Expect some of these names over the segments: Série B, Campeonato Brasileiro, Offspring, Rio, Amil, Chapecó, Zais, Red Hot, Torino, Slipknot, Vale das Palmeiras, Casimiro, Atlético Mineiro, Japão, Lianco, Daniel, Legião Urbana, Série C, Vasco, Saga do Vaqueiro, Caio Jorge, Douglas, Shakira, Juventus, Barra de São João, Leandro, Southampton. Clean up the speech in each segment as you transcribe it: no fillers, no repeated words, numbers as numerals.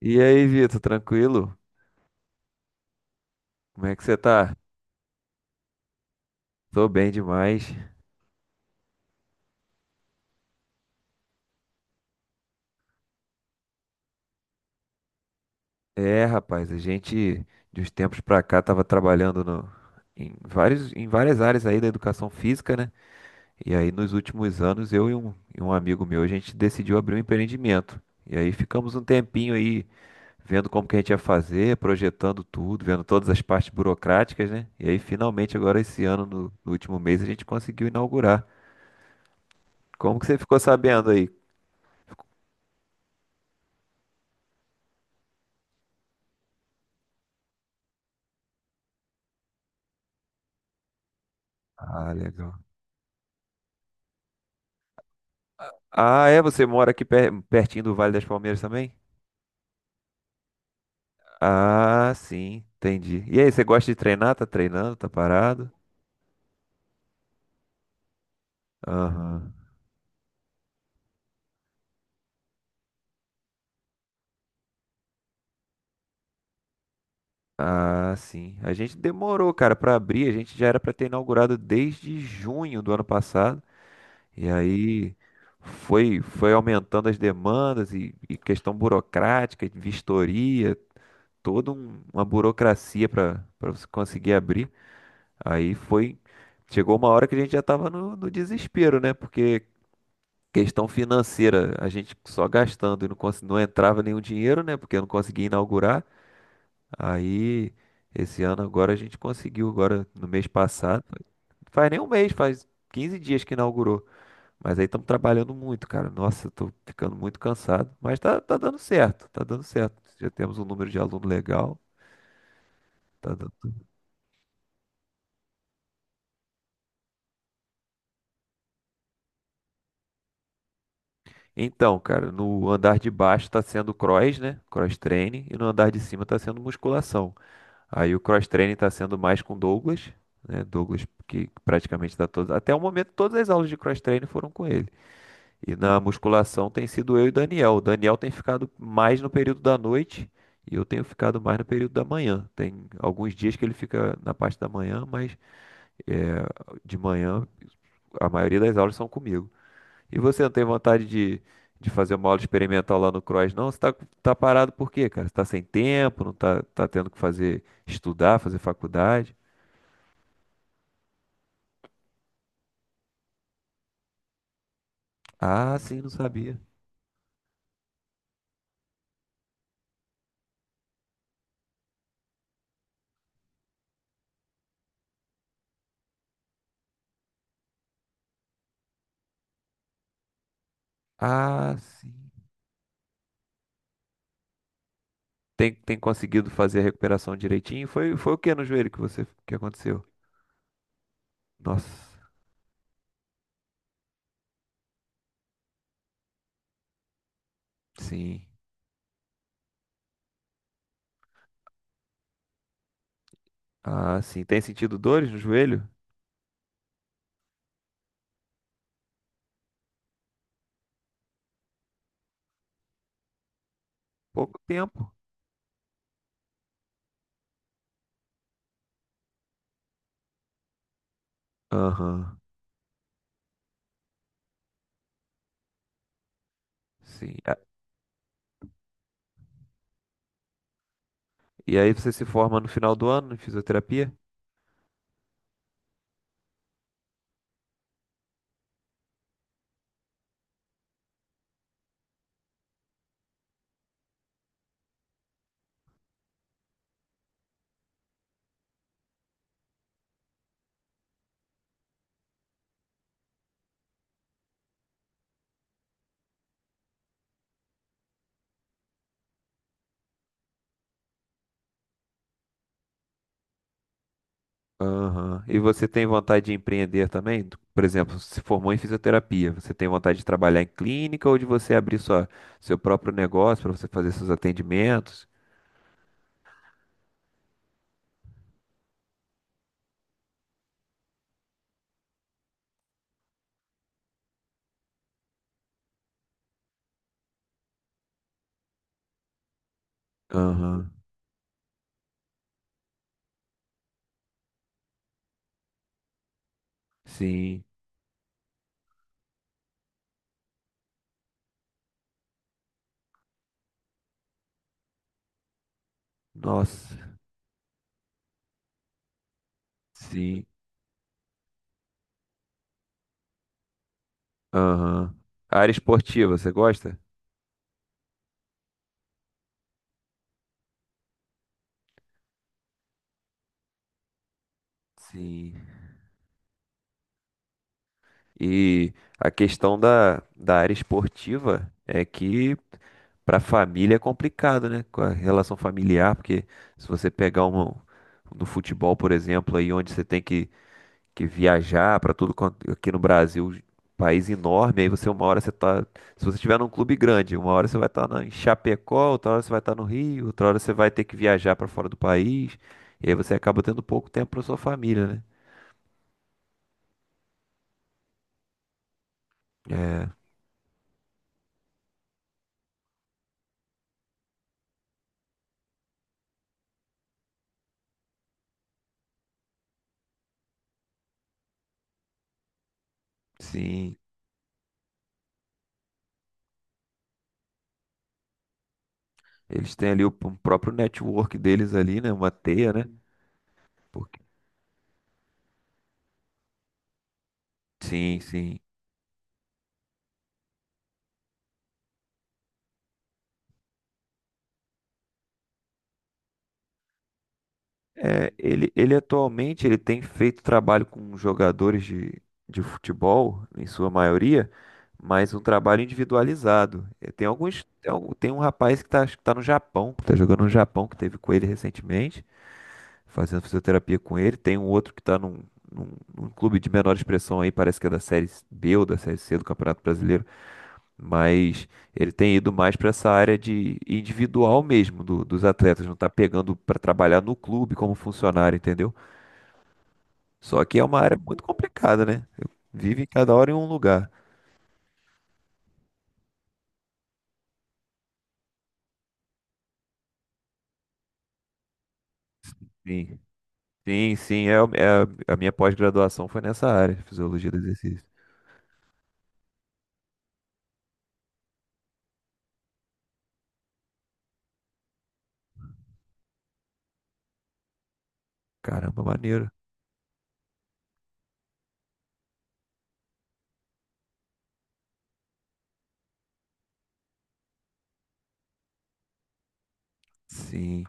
E aí, Vitor, tranquilo? Como é que você tá? Tô bem demais. É, rapaz, a gente de uns tempos pra cá tava trabalhando em várias áreas aí da educação física, né? E aí nos últimos anos eu e um amigo meu, a gente decidiu abrir um empreendimento. E aí ficamos um tempinho aí vendo como que a gente ia fazer, projetando tudo, vendo todas as partes burocráticas, né? E aí finalmente agora esse ano, no último mês, a gente conseguiu inaugurar. Como que você ficou sabendo aí? Ah, legal. Ah, é? Você mora aqui pertinho do Vale das Palmeiras também? Ah, sim, entendi. E aí, você gosta de treinar? Tá treinando? Tá parado? Aham. Ah, sim. A gente demorou, cara, pra abrir. A gente já era pra ter inaugurado desde junho do ano passado. E aí foi aumentando as demandas e questão burocrática, de vistoria, uma burocracia pra para você conseguir abrir. Aí foi Chegou uma hora que a gente já tava no desespero, né? Porque questão financeira, a gente só gastando e não entrava nenhum dinheiro, né? Porque eu não conseguia inaugurar. Aí, esse ano agora a gente conseguiu, agora no mês passado. Faz nem um mês, faz 15 dias que inaugurou. Mas aí estamos trabalhando muito, cara. Nossa, eu tô ficando muito cansado. Mas tá, tá dando certo. Já temos um número de aluno legal. tá dando- Então, cara, no andar de baixo tá sendo cross, né? Cross training. E no andar de cima tá sendo musculação. Aí o cross-training está sendo mais com Douglas, né? Douglas que praticamente dá todas, até o momento todas as aulas de cross-training foram com ele. E na musculação tem sido eu e o Daniel. O Daniel tem ficado mais no período da noite e eu tenho ficado mais no período da manhã. Tem alguns dias que ele fica na parte da manhã, mas é, de manhã a maioria das aulas são comigo. E você não tem vontade de fazer uma aula experimental lá no cross, não? Tá parado por quê, cara? Você tá sem tempo, não tá, tá tendo que fazer estudar, fazer faculdade? Ah, sim, não sabia. Ah, sim. Tem conseguido fazer a recuperação direitinho? Foi o que no joelho que aconteceu? Nossa, sim. Ah, sim. Tem sentido dores no joelho? Pouco tempo. Aham, sim. A- E aí você se forma no final do ano em fisioterapia? Aham. E você tem vontade de empreender também? Por exemplo, se formou em fisioterapia, você tem vontade de trabalhar em clínica ou de você abrir seu próprio negócio para você fazer seus atendimentos? Aham. Sim. Nossa, sim, aham. A área esportiva, você gosta? Sim. E a questão da área esportiva é que para a família é complicado, né? Com a relação familiar, porque se você pegar uma, no futebol, por exemplo, aí onde você tem que viajar para tudo quanto aqui no Brasil, país enorme, aí você uma hora você tá, se você estiver num clube grande, uma hora você vai estar em Chapecó, outra hora você vai estar no Rio, outra hora você vai ter que viajar para fora do país, e aí você acaba tendo pouco tempo para sua família, né? É, sim, eles têm ali o próprio network deles ali, né, uma teia, né? Porque, sim, sim. É, ele atualmente ele tem feito trabalho com jogadores de futebol, em sua maioria, mas um trabalho individualizado. É, tem alguns, tem um rapaz que está no Japão, que está jogando no Japão, que teve com ele recentemente, fazendo fisioterapia com ele. Tem um outro que está num, num clube de menor expressão aí, parece que é da Série B ou da Série C do Campeonato Brasileiro, mas ele tem ido mais para essa área de individual mesmo dos atletas, não tá pegando para trabalhar no clube como funcionário, entendeu? Só que é uma área muito complicada, né? Eu- Vive cada hora em um lugar. Sim, sim, é, a minha pós-graduação foi nessa área, fisiologia do exercício. Caramba, maneiro. Sim.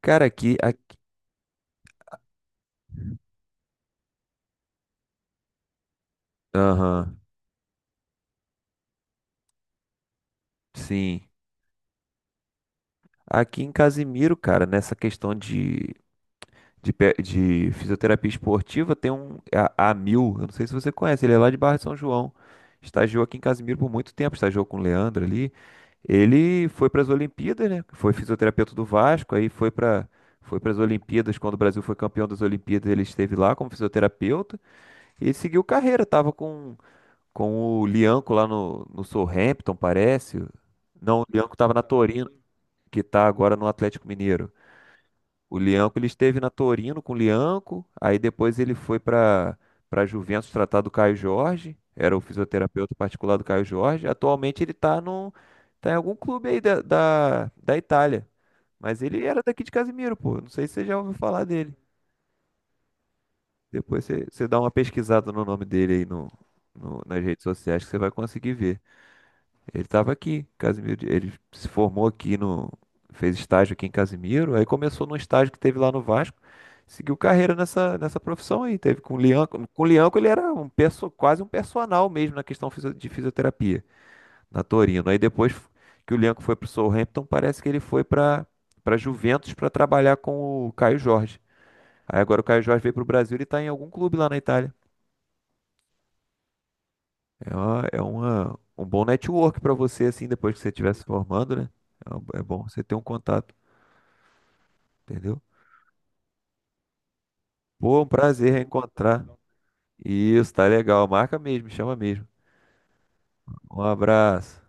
Cara, aqui, a- aham, sim. Aqui em Casimiro, cara, nessa questão de fisioterapia esportiva, tem um é a, Amil, eu não sei se você conhece, ele é lá de Barra de São João. Estagiou aqui em Casimiro por muito tempo, estagiou com o Leandro ali. Ele foi para as Olimpíadas, né? Foi fisioterapeuta do Vasco, aí foi para foi para as Olimpíadas, quando o Brasil foi campeão das Olimpíadas, ele esteve lá como fisioterapeuta e ele seguiu carreira, tava com o Lianco lá no Southampton, parece. Não, o Lianco tava na Torino, que tá agora no Atlético Mineiro. O Lianco, ele esteve na Torino com o Lianco, aí depois ele foi para Juventus tratar do Caio Jorge, era o fisioterapeuta particular do Caio Jorge. Atualmente ele tá no tá em algum clube aí da Itália, mas ele era daqui de Casimiro, pô. Não sei se você já ouviu falar dele. Depois você dá uma pesquisada no nome dele aí no, no- nas redes sociais que você vai conseguir ver. Ele estava aqui, Casimiro. De- Ele se formou aqui no. Fez estágio aqui em Casimiro. Aí começou num estágio que teve lá no Vasco. Seguiu carreira nessa profissão aí. Teve com o Lianco. Com o Lianco ele era um perso, quase um personal mesmo na questão de fisioterapia, na Torino. Aí depois que o Lianco foi pro Southampton, parece que ele foi para Juventus para trabalhar com o Caio Jorge. Aí agora o Caio Jorge veio pro Brasil e está em algum clube lá na Itália. É uma, um bom network pra você, assim, depois que você estiver se formando, né? É é bom você ter um contato, entendeu? Pô, um prazer reencontrar. Isso, tá legal. Marca mesmo, chama mesmo. Um abraço.